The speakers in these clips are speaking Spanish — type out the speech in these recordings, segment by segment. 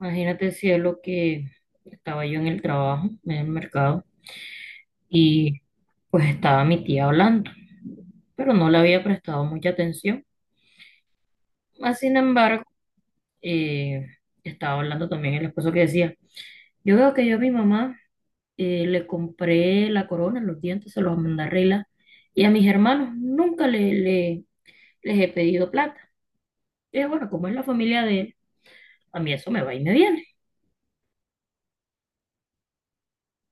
Imagínate, cielo, que estaba yo en el trabajo, en el mercado, y pues estaba mi tía hablando, pero no le había prestado mucha atención. Más sin embargo, eh, estaba hablando también el esposo que decía, yo veo que yo a mi mamá le compré la corona, los dientes, se los mandé a arreglar, y a mis hermanos nunca les he pedido plata. Y yo, bueno, como es la familia de él, a mí eso me va y me viene.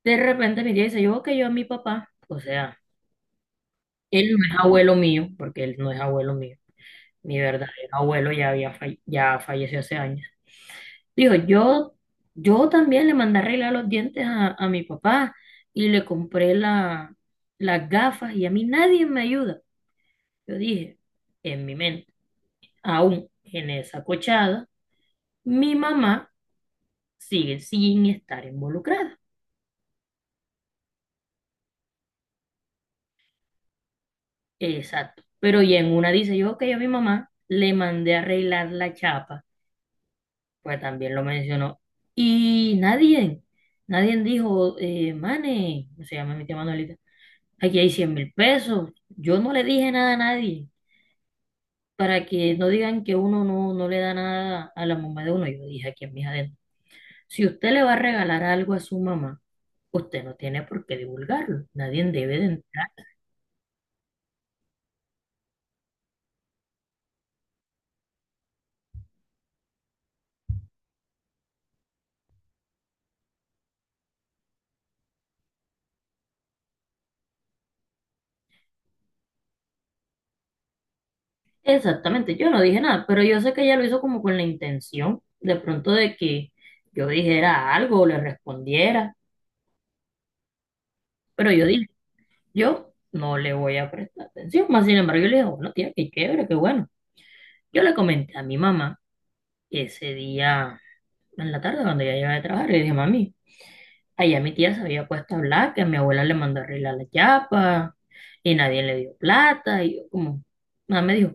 De repente mi tía dice, yo veo que yo a mi papá, o sea, él no es abuelo mío, porque él no es abuelo mío. Mi verdadero abuelo ya falleció hace años. Dijo, yo también le mandé a arreglar los dientes a mi papá y le compré las gafas y a mí nadie me ayuda. Yo dije, en mi mente, aún en esa cochada, mi mamá sigue sin estar involucrada. Exacto. Pero y en una dice yo, ok, a mi mamá le mandé a arreglar la chapa pues también lo mencionó. Y nadie, nadie dijo, Mane, se llama mi tía Manuelita, aquí hay 100.000 pesos. Yo no le dije nada a nadie, para que no digan que uno no le da nada a la mamá de uno. Yo dije aquí en mis adentros, si usted le va a regalar algo a su mamá, usted no tiene por qué divulgarlo. Nadie debe de entrar. Exactamente, yo no dije nada, pero yo sé que ella lo hizo como con la intención, de pronto de que yo dijera algo o le respondiera, pero yo dije, yo no le voy a prestar atención, más sin embargo yo le digo, bueno, tía, qué chévere, qué bueno. Yo le comenté a mi mamá ese día en la tarde cuando ella llegaba de trabajar, le dije, mami, allá mi tía se había puesto a hablar que a mi abuela le mandó a arreglar la chapa y nadie le dio plata y yo como, nada me dijo,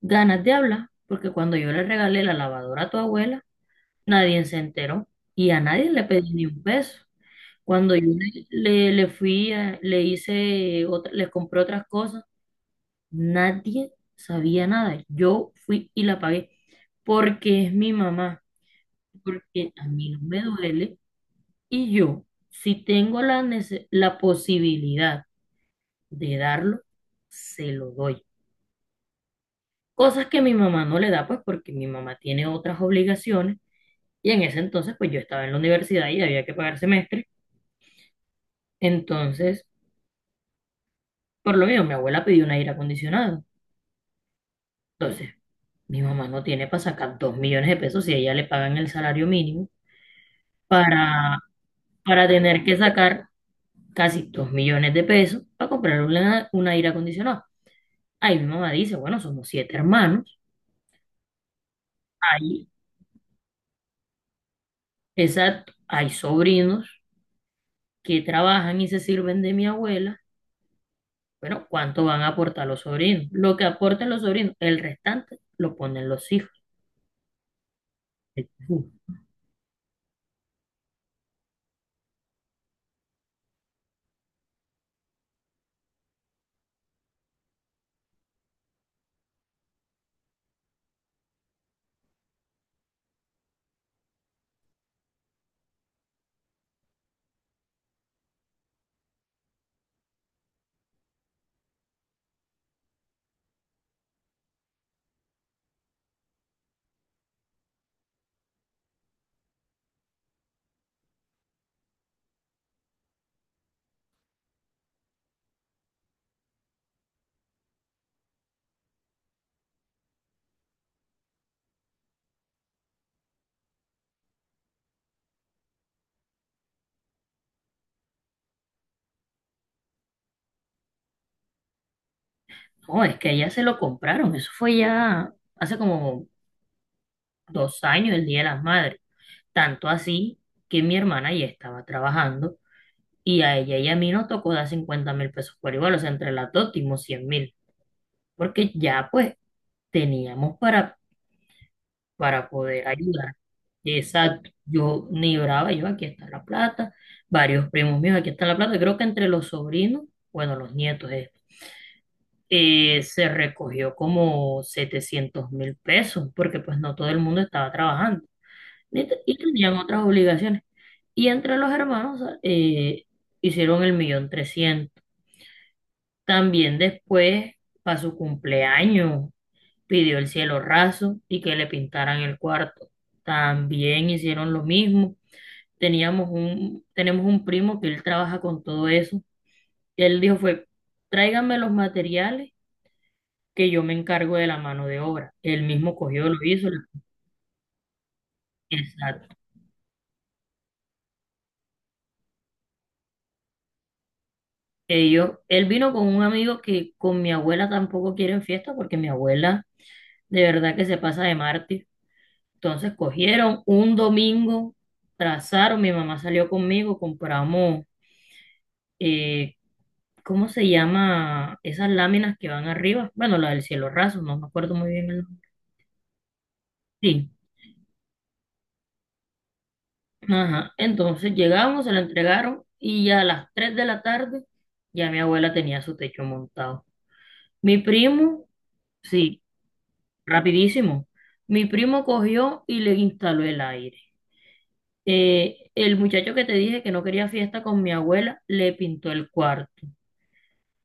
ganas de hablar, porque cuando yo le regalé la lavadora a tu abuela, nadie se enteró y a nadie le pedí ni un peso. Cuando yo le fui, le hice, le compré otras cosas. Nadie sabía nada. Yo fui y la pagué porque es mi mamá, porque a mí no me duele y yo, si tengo la posibilidad de darlo, se lo doy. Cosas que mi mamá no le da, pues porque mi mamá tiene otras obligaciones y en ese entonces, pues yo estaba en la universidad y había que pagar semestre. Entonces, por lo mismo, mi abuela pidió un aire acondicionado. Entonces, mi mamá no tiene para sacar 2 millones de pesos si a ella le pagan el salario mínimo para para tener que sacar casi 2 millones de pesos para comprar un aire acondicionado. Ahí mi mamá dice, bueno, somos siete hermanos, hay, exacto, hay sobrinos que trabajan y se sirven de mi abuela. Bueno, ¿cuánto van a aportar los sobrinos? Lo que aporten los sobrinos, el restante lo ponen los hijos. No, es que ya se lo compraron, eso fue ya hace como 2 años, el Día de las Madres. Tanto así que mi hermana ya estaba trabajando. Y a ella y a mí nos tocó dar 50.000 pesos por igual, o sea, entre las dos dimos 100.000, porque ya pues teníamos para poder ayudar. Exacto, yo ni brava, yo aquí está la plata, varios primos míos, aquí está la plata, creo que entre los sobrinos, bueno, los nietos, se recogió como 700.000 pesos, porque pues no todo el mundo estaba trabajando ni y tenían otras obligaciones. Y entre los hermanos hicieron el millón trescientos. También después, para su cumpleaños, pidió el cielo raso y que le pintaran el cuarto. También hicieron lo mismo. Tenemos un primo que él trabaja con todo eso. Y él dijo fue, tráiganme los materiales que yo me encargo de la mano de obra. Él mismo cogió, lo hizo. Exacto. Ellos, él vino con un amigo que con mi abuela tampoco quieren fiesta porque mi abuela de verdad que se pasa de mártir. Entonces cogieron un domingo, trazaron, mi mamá salió conmigo, compramos, eh, ¿cómo se llama? Esas láminas que van arriba. Bueno, la del cielo raso, no me acuerdo muy bien el nombre. Sí, ajá. Entonces llegamos, se la entregaron y ya a las 3 de la tarde ya mi abuela tenía su techo montado. Mi primo, sí, rapidísimo. Mi primo cogió y le instaló el aire. El muchacho que te dije que no quería fiesta con mi abuela le pintó el cuarto.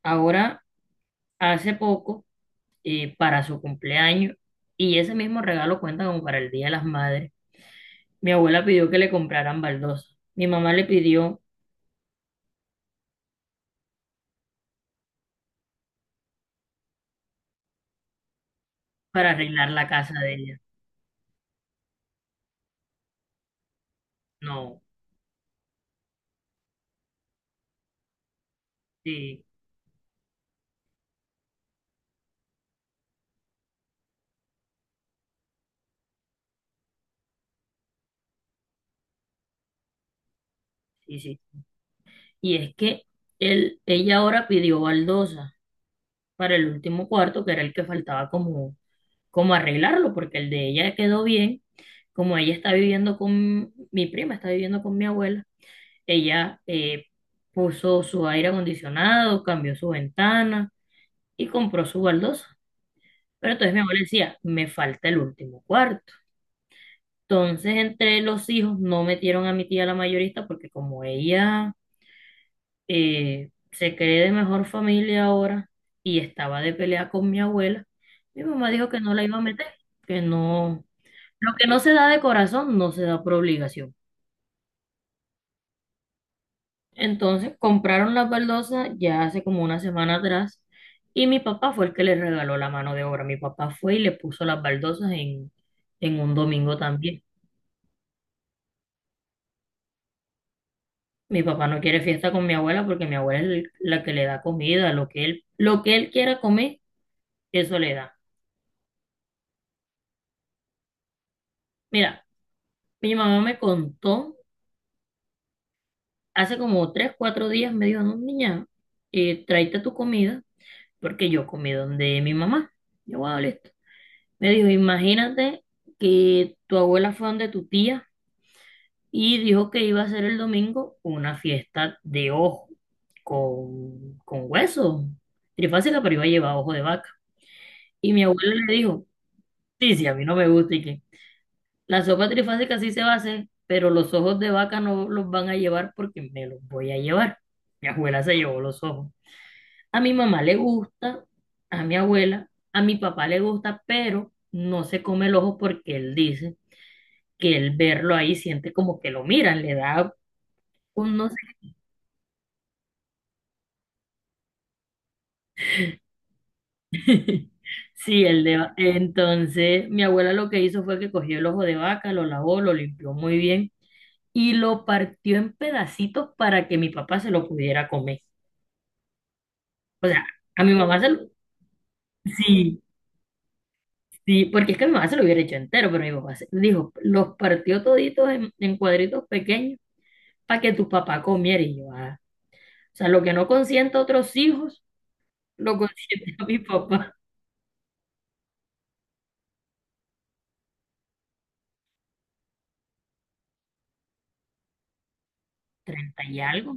Ahora, hace poco, para su cumpleaños, y ese mismo regalo cuenta como para el Día de las Madres, mi abuela pidió que le compraran baldosa. Mi mamá le pidió para arreglar la casa de ella. No, sí, sí, sí. Y es que ella ahora pidió baldosa para el último cuarto, que era el que faltaba como arreglarlo, porque el de ella quedó bien. Como ella está viviendo con mi prima, está viviendo con mi abuela. Ella puso su aire acondicionado, cambió su ventana y compró su baldosa. Pero entonces mi abuela decía, me falta el último cuarto. Entonces entre los hijos no metieron a mi tía la mayorista porque como ella se cree de mejor familia ahora y estaba de pelea con mi abuela, mi mamá dijo que no la iba a meter, que no, lo que no se da de corazón no se da por obligación. Entonces compraron las baldosas ya hace como una semana atrás y mi papá fue el que le regaló la mano de obra. Mi papá fue y le puso las baldosas en un domingo también. Mi papá no quiere fiesta con mi abuela porque mi abuela es la que le da comida, lo que él quiera comer, eso le da. Mira, mi mamá me contó hace como 3, 4 días, me dijo, no, niña, tráete tu comida porque yo comí donde mi mamá. Yo, wow, listo. Me dijo, imagínate que tu abuela fue donde tu tía y dijo que iba a hacer el domingo una fiesta de ojo con hueso, trifásica, pero iba a llevar ojo de vaca. Y mi abuelo le dijo, sí, sí, a mí no me gusta y que la sopa trifásica sí se va a hacer, pero los ojos de vaca no los van a llevar porque me los voy a llevar. Mi abuela se llevó los ojos. A mi mamá le gusta, a mi abuela, a mi papá le gusta, pero no se come el ojo porque él dice que el verlo ahí siente como que lo miran, le da un no sé. Sí, el de, entonces mi abuela lo que hizo fue que cogió el ojo de vaca, lo lavó, lo limpió muy bien y lo partió en pedacitos para que mi papá se lo pudiera comer. O sea, a mi mamá se lo. Sí, sí, porque es que mi mamá se lo hubiera hecho entero, pero mi papá dijo, los partió toditos en cuadritos pequeños para que tu papá comiera y yo, "Ah". O sea, lo que no consiente a otros hijos, lo consiente a mi papá. 30 y algo.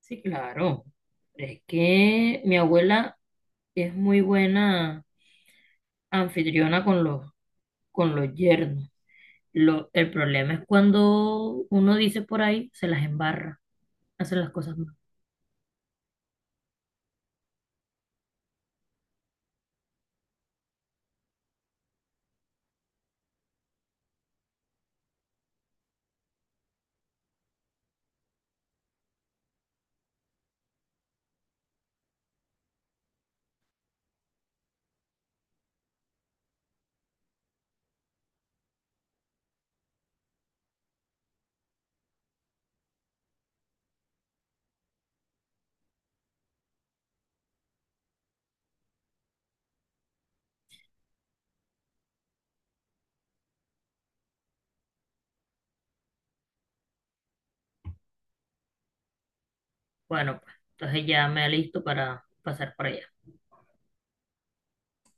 Sí, claro. Es que mi abuela y es muy buena anfitriona con los yernos. El problema es cuando uno dice por ahí, se las embarra, hace las cosas mal. Bueno, pues entonces ya me alisto para pasar por allá.